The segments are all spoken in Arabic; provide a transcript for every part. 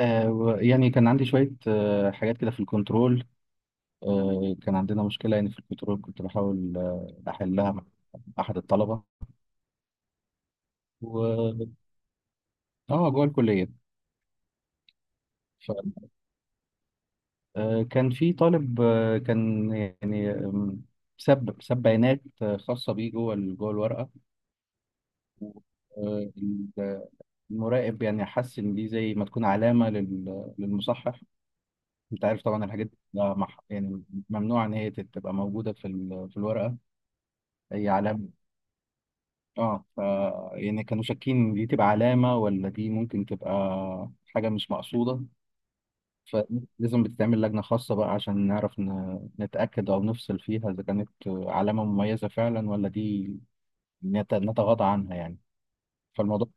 كان عندي شوية حاجات كده في الكنترول. كان عندنا مشكلة يعني في الكنترول، كنت بحاول أحلها مع أحد الطلبة و آه جوه الكلية. ف- كان في طالب كان يعني ساب بيانات خاصة بيه جوه جوه الورقة. آه، ال- المراقب يعني حس إن دي زي ما تكون علامة للمصحح. أنت عارف طبعا الحاجات دي لا مح- يعني ممنوع إن هي تبقى موجودة في في الورقة، هي علامة. اه ف يعني كانوا شاكين دي تبقى علامة، ولا دي ممكن تبقى حاجة مش مقصودة. فلازم بتتعمل لجنة خاصة بقى عشان نعرف نتأكد أو نفصل فيها، إذا كانت علامة مميزة فعلا ولا دي نتغاضى عنها يعني. فالموضوع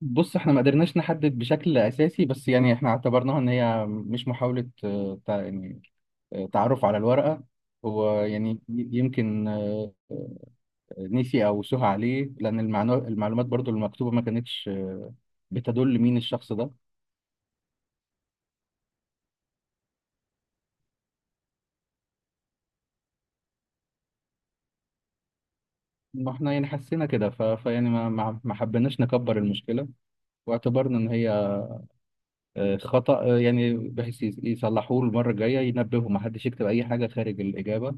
بص، احنا ما قدرناش نحدد بشكل أساسي، بس يعني احنا اعتبرناها إن هي مش محاولة تعرف على الورقة. هو يعني يمكن نسي او سهى عليه، لان المعلومات برضو المكتوبه ما كانتش بتدل مين الشخص ده. ما احنا يعني حسينا كده ف... فيعني ما ما ما حبيناش نكبر المشكله، واعتبرنا ان هي خطأ يعني، بحيث يصلحوه المره الجايه، ينبهوا ما حدش يكتب اي حاجه خارج الاجابه،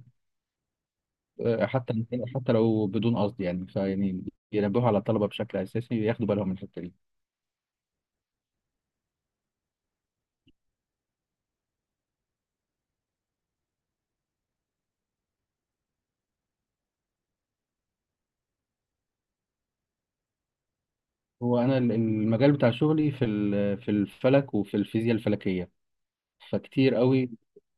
حتى حتى لو بدون قصد يعني. ينبهوا على الطلبه بشكل اساسي، ياخدوا بالهم من الحته دي. هو انا المجال بتاع شغلي في في الفلك وفي الفيزياء الفلكيه، فكتير قوي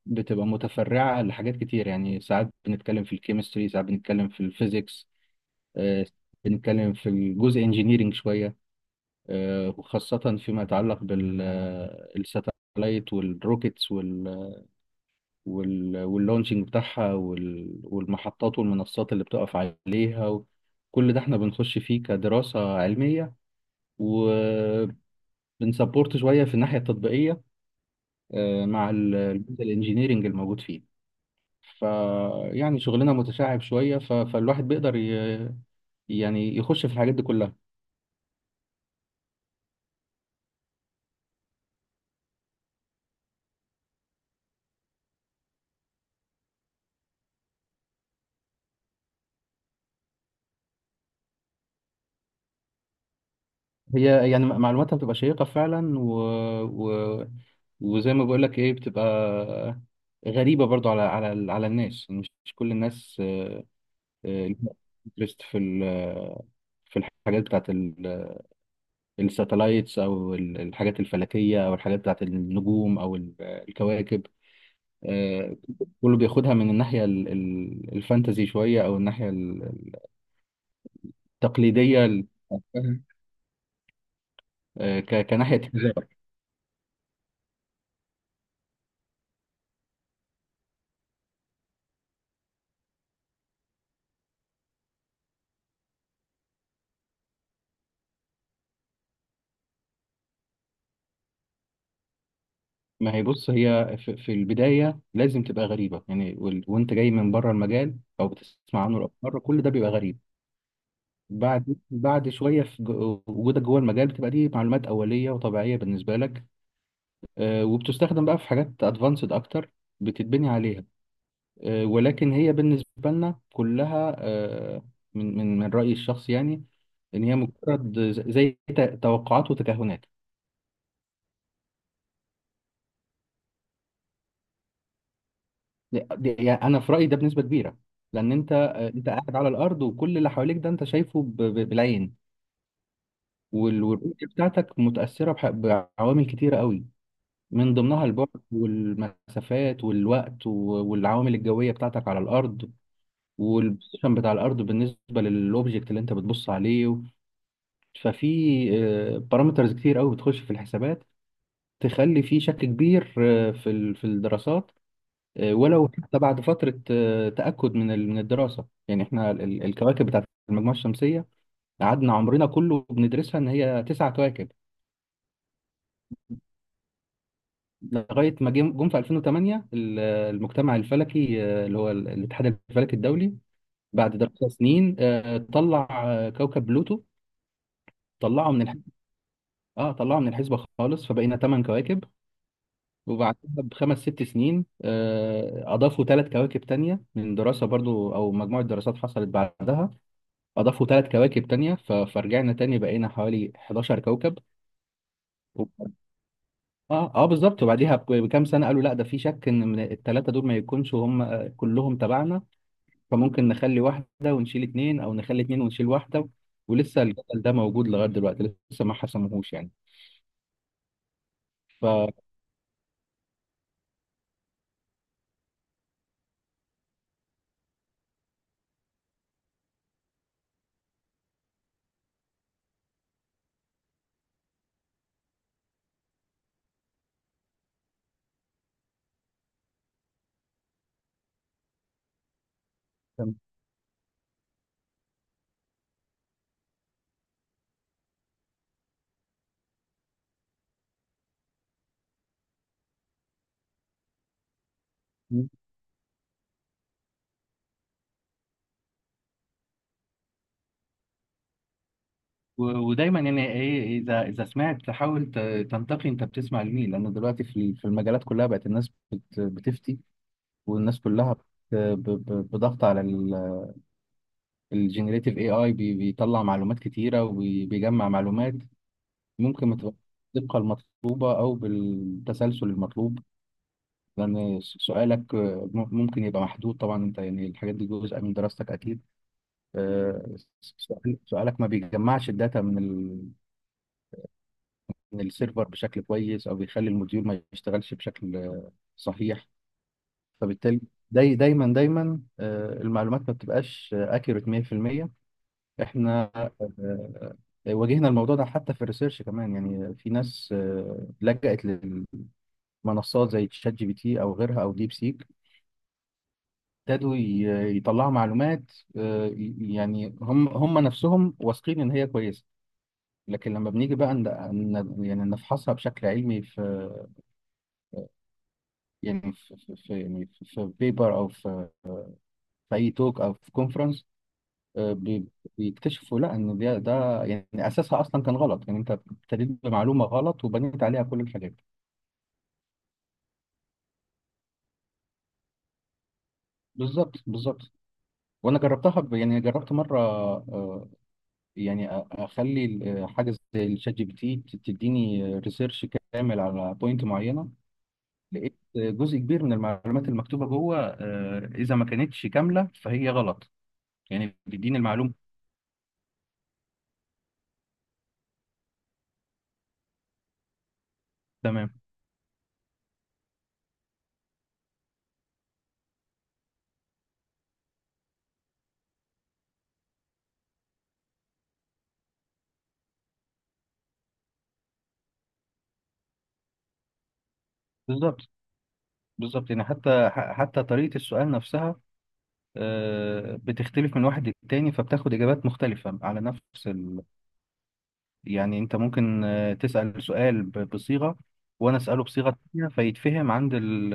بتبقى متفرعة لحاجات كتير. يعني ساعات بنتكلم في الكيمستري، ساعات بنتكلم في الفيزيكس، آه، بنتكلم في الجزء انجينيرينج شوية، وخاصة فيما يتعلق بالساتلايت والروكيتس واللونشنج بتاعها والمحطات والمنصات اللي بتقف عليها كل ده احنا بنخش فيه كدراسة علمية. وبنسبورت شوية في الناحية التطبيقية، مع الجزء الانجينيرينج الموجود فيه. ف يعني شغلنا متشعب شوية، فالواحد بيقدر يعني يخش في الحاجات دي كلها. هي يعني معلوماتها بتبقى شيقة فعلا و... وزي ما بقول لك ايه، بتبقى غريبة برضو على الناس، مش كل الناس انترست في في الحاجات بتاعت الساتلايتس، او الحاجات الفلكية، او الحاجات بتاعت النجوم، او الكواكب. آه، كله بياخدها من الناحية الفانتزي شوية، أو الناحية التقليدية كناحية تجارة. ما هي بص، هي في في البداية لازم تبقى غريبة يعني، وأنت جاي من بره المجال أو بتسمع عنه لأول مرة، كل ده بيبقى غريب. بعد شوية في وجودك جوه المجال، بتبقى دي معلومات أولية وطبيعية بالنسبة لك، وبتستخدم بقى في حاجات أدفانسد أكتر، بتتبني عليها. ولكن هي بالنسبة لنا كلها من رأيي الشخصي يعني، إن هي مجرد زي توقعات وتكهنات. يعني أنا في رأيي ده بنسبة كبيرة، لأن أنت أنت قاعد على الأرض، وكل اللي حواليك ده أنت شايفه بالعين. والرؤية بتاعتك متأثرة بعوامل كتيرة قوي، من ضمنها البعد والمسافات والوقت والعوامل الجوية بتاعتك على الأرض، والبوزيشن بتاع الأرض بالنسبة للأوبجكت اللي أنت بتبص عليه. ففي بارامترز كتير قوي بتخش في الحسابات، تخلي في شك كبير في في الدراسات. ولو حتى بعد فترة تأكد من من الدراسة، يعني احنا الكواكب بتاعت المجموعة الشمسية قعدنا عمرنا كله بندرسها ان هي تسع كواكب، لغاية ما جم في 2008 المجتمع الفلكي، الاتحاد الفلكي الدولي، بعد دراسة سنين طلع كوكب بلوتو، طلعه من الح... اه طلعه من الحسبة خالص، فبقينا ثمان كواكب. وبعدها بخمس ست سنين أضافوا ثلاث كواكب تانية من دراسة برضو أو مجموعة دراسات حصلت بعدها، أضافوا ثلاث كواكب تانية، فرجعنا تاني بقينا حوالي 11 كوكب و- اه اه بالظبط. بكام سنة قالوا لا، ده في شك إن من الثلاثة دول ما يكونش هم كلهم تبعنا، فممكن نخلي واحدة ونشيل اتنين، أو نخلي اتنين ونشيل واحدة، ولسه الجدل ده موجود لغاية دلوقتي، لسه ما حسموهوش يعني. ف و- ودايما يعني ايه، اذا سمعت تحاول تنتقي انت بتسمع لمين، لان دلوقتي في في المجالات كلها بقت الناس بتفتي، والناس كلها بضغط على الجنريتيف اي بيطلع معلومات كتيره وبيجمع معلومات، ممكن ما تبقاش بالدقه المطلوبه او بالتسلسل المطلوب. لان سؤالك ممكن يبقى محدود، طبعا انت يعني الحاجات دي جزء من دراستك اكيد. سؤالك ما بيجمعش الداتا من السيرفر بشكل كويس، او بيخلي الموديول ما يشتغلش بشكل صحيح. فبالتالي دايما المعلومات ما بتبقاش اكيوريت 100%. احنا واجهنا الموضوع ده حتى في الريسيرش كمان، يعني في ناس لجأت لمنصات زي تشات جي بي تي او غيرها او ديب سيك، ابتدوا يطلعوا معلومات، يعني هم نفسهم واثقين ان هي كويسه. لكن لما بنيجي بقى يعني نفحصها بشكل علمي في بيبر، او في اي توك، او في كونفرنس، آه، بي- بيكتشفوا لا، ان ده يعني اساسها اصلا كان غلط، يعني انت ابتديت بمعلومه غلط وبنيت عليها كل الحاجات. بالظبط بالظبط، وانا جربتها يعني جربت مره يعني اخلي حاجه زي الشات جي بي تي تديني ريسيرش كامل على بوينت معينه، لقيت جزء كبير من المعلومات المكتوبه جوه، اذا ما كانتش كامله فهي غلط، يعني بيديني المعلومه. تمام بالظبط بالظبط، يعني حتى حتى طريقة السؤال نفسها بتختلف من واحد للتاني، فبتاخد إجابات مختلفة على نفس يعني أنت ممكن تسأل سؤال بصيغة، وأنا أسأله بصيغة تانية، فيتفهم عند ال...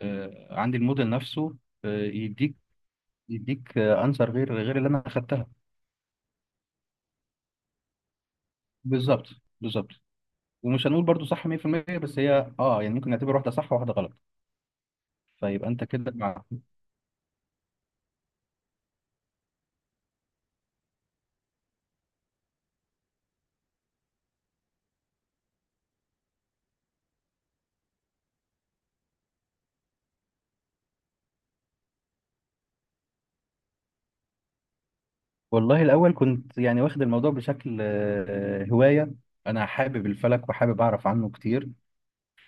آه، عند الموديل نفسه آه، يديك يديك أنسر غير اللي أنا أخدتها. بالظبط بالظبط، ومش هنقول برضو صح 100%، بس هي أه يعني ممكن نعتبر واحدة صح وواحدة غلط، فيبقى أنت كده مع. والله الأول كنت يعني واخد الموضوع بشكل هواية، أنا حابب الفلك وحابب أعرف عنه كتير.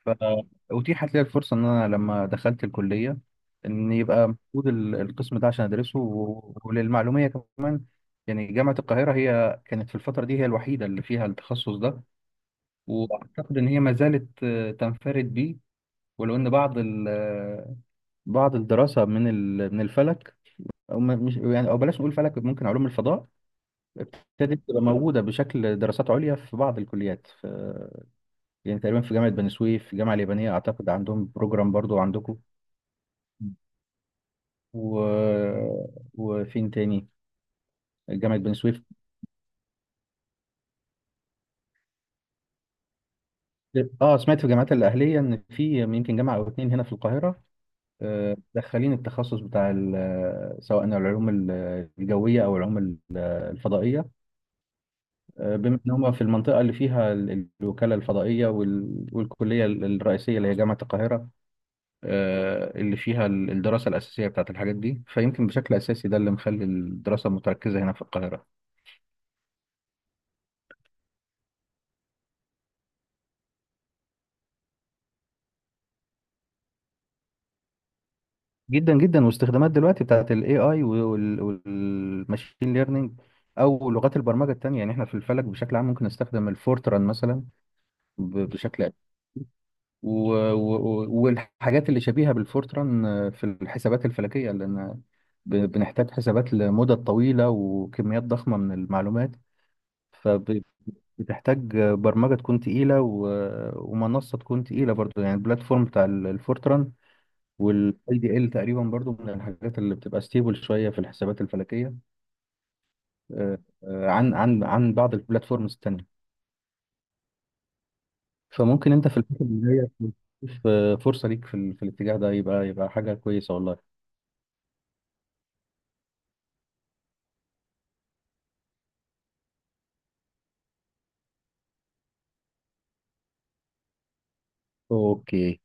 فأتيحت لي الفرصة إن أنا لما دخلت الكلية إن يبقى موجود القسم ده عشان أدرسه. وللمعلومية كمان، يعني جامعة القاهرة هي كانت في الفترة دي هي الوحيدة اللي فيها التخصص ده، وأعتقد إن هي ما زالت تنفرد بيه، ولو إن بعض الدراسة من الفلك، أو ما- مش يعني أو بلاش نقول فلك، ممكن علوم الفضاء ابتدت تبقى موجودة بشكل دراسات عليا في بعض الكليات، يعني تقريبا في جامعة بني سويف، في الجامعة اليابانية أعتقد عندهم بروجرام، برضو عندكم و... وفين تاني، جامعة بني سويف. اه سمعت في الجامعات الأهلية إن في يمكن جامعة أو اتنين هنا في القاهرة دخلين التخصص بتاع سواء العلوم الجوية أو العلوم الفضائية، بما إن هما في المنطقة اللي فيها الوكالة الفضائية والكلية الرئيسية اللي هي جامعة القاهرة، اللي فيها الدراسة الأساسية بتاعت الحاجات دي، فيمكن بشكل أساسي ده اللي مخلي الدراسة متركزة هنا في القاهرة. جدا جدا، واستخدامات دلوقتي بتاعت ال AI والماشين ليرنينج أو لغات البرمجة التانية، يعني احنا في الفلك بشكل عام ممكن نستخدم الفورتران مثلا بشكل أساسي، والحاجات اللي شبيهة بالفورتران في الحسابات الفلكية، لأن بنحتاج حسابات لمدة طويلة وكميات ضخمة من المعلومات، فبتحتاج برمجة تكون تقيلة ومنصة تكون تقيلة برضو، يعني البلاتفورم بتاع الفورتران والاي دي ال تقريبا برضو من الحاجات اللي بتبقى ستيبل شوية في الحسابات الفلكية آه، عن بعض البلاتفورمز التانية. فممكن انت في الفترة الجاية تشوف فرصة ليك في في الاتجاه ده، يبقى حاجة كويسة والله. اوكي.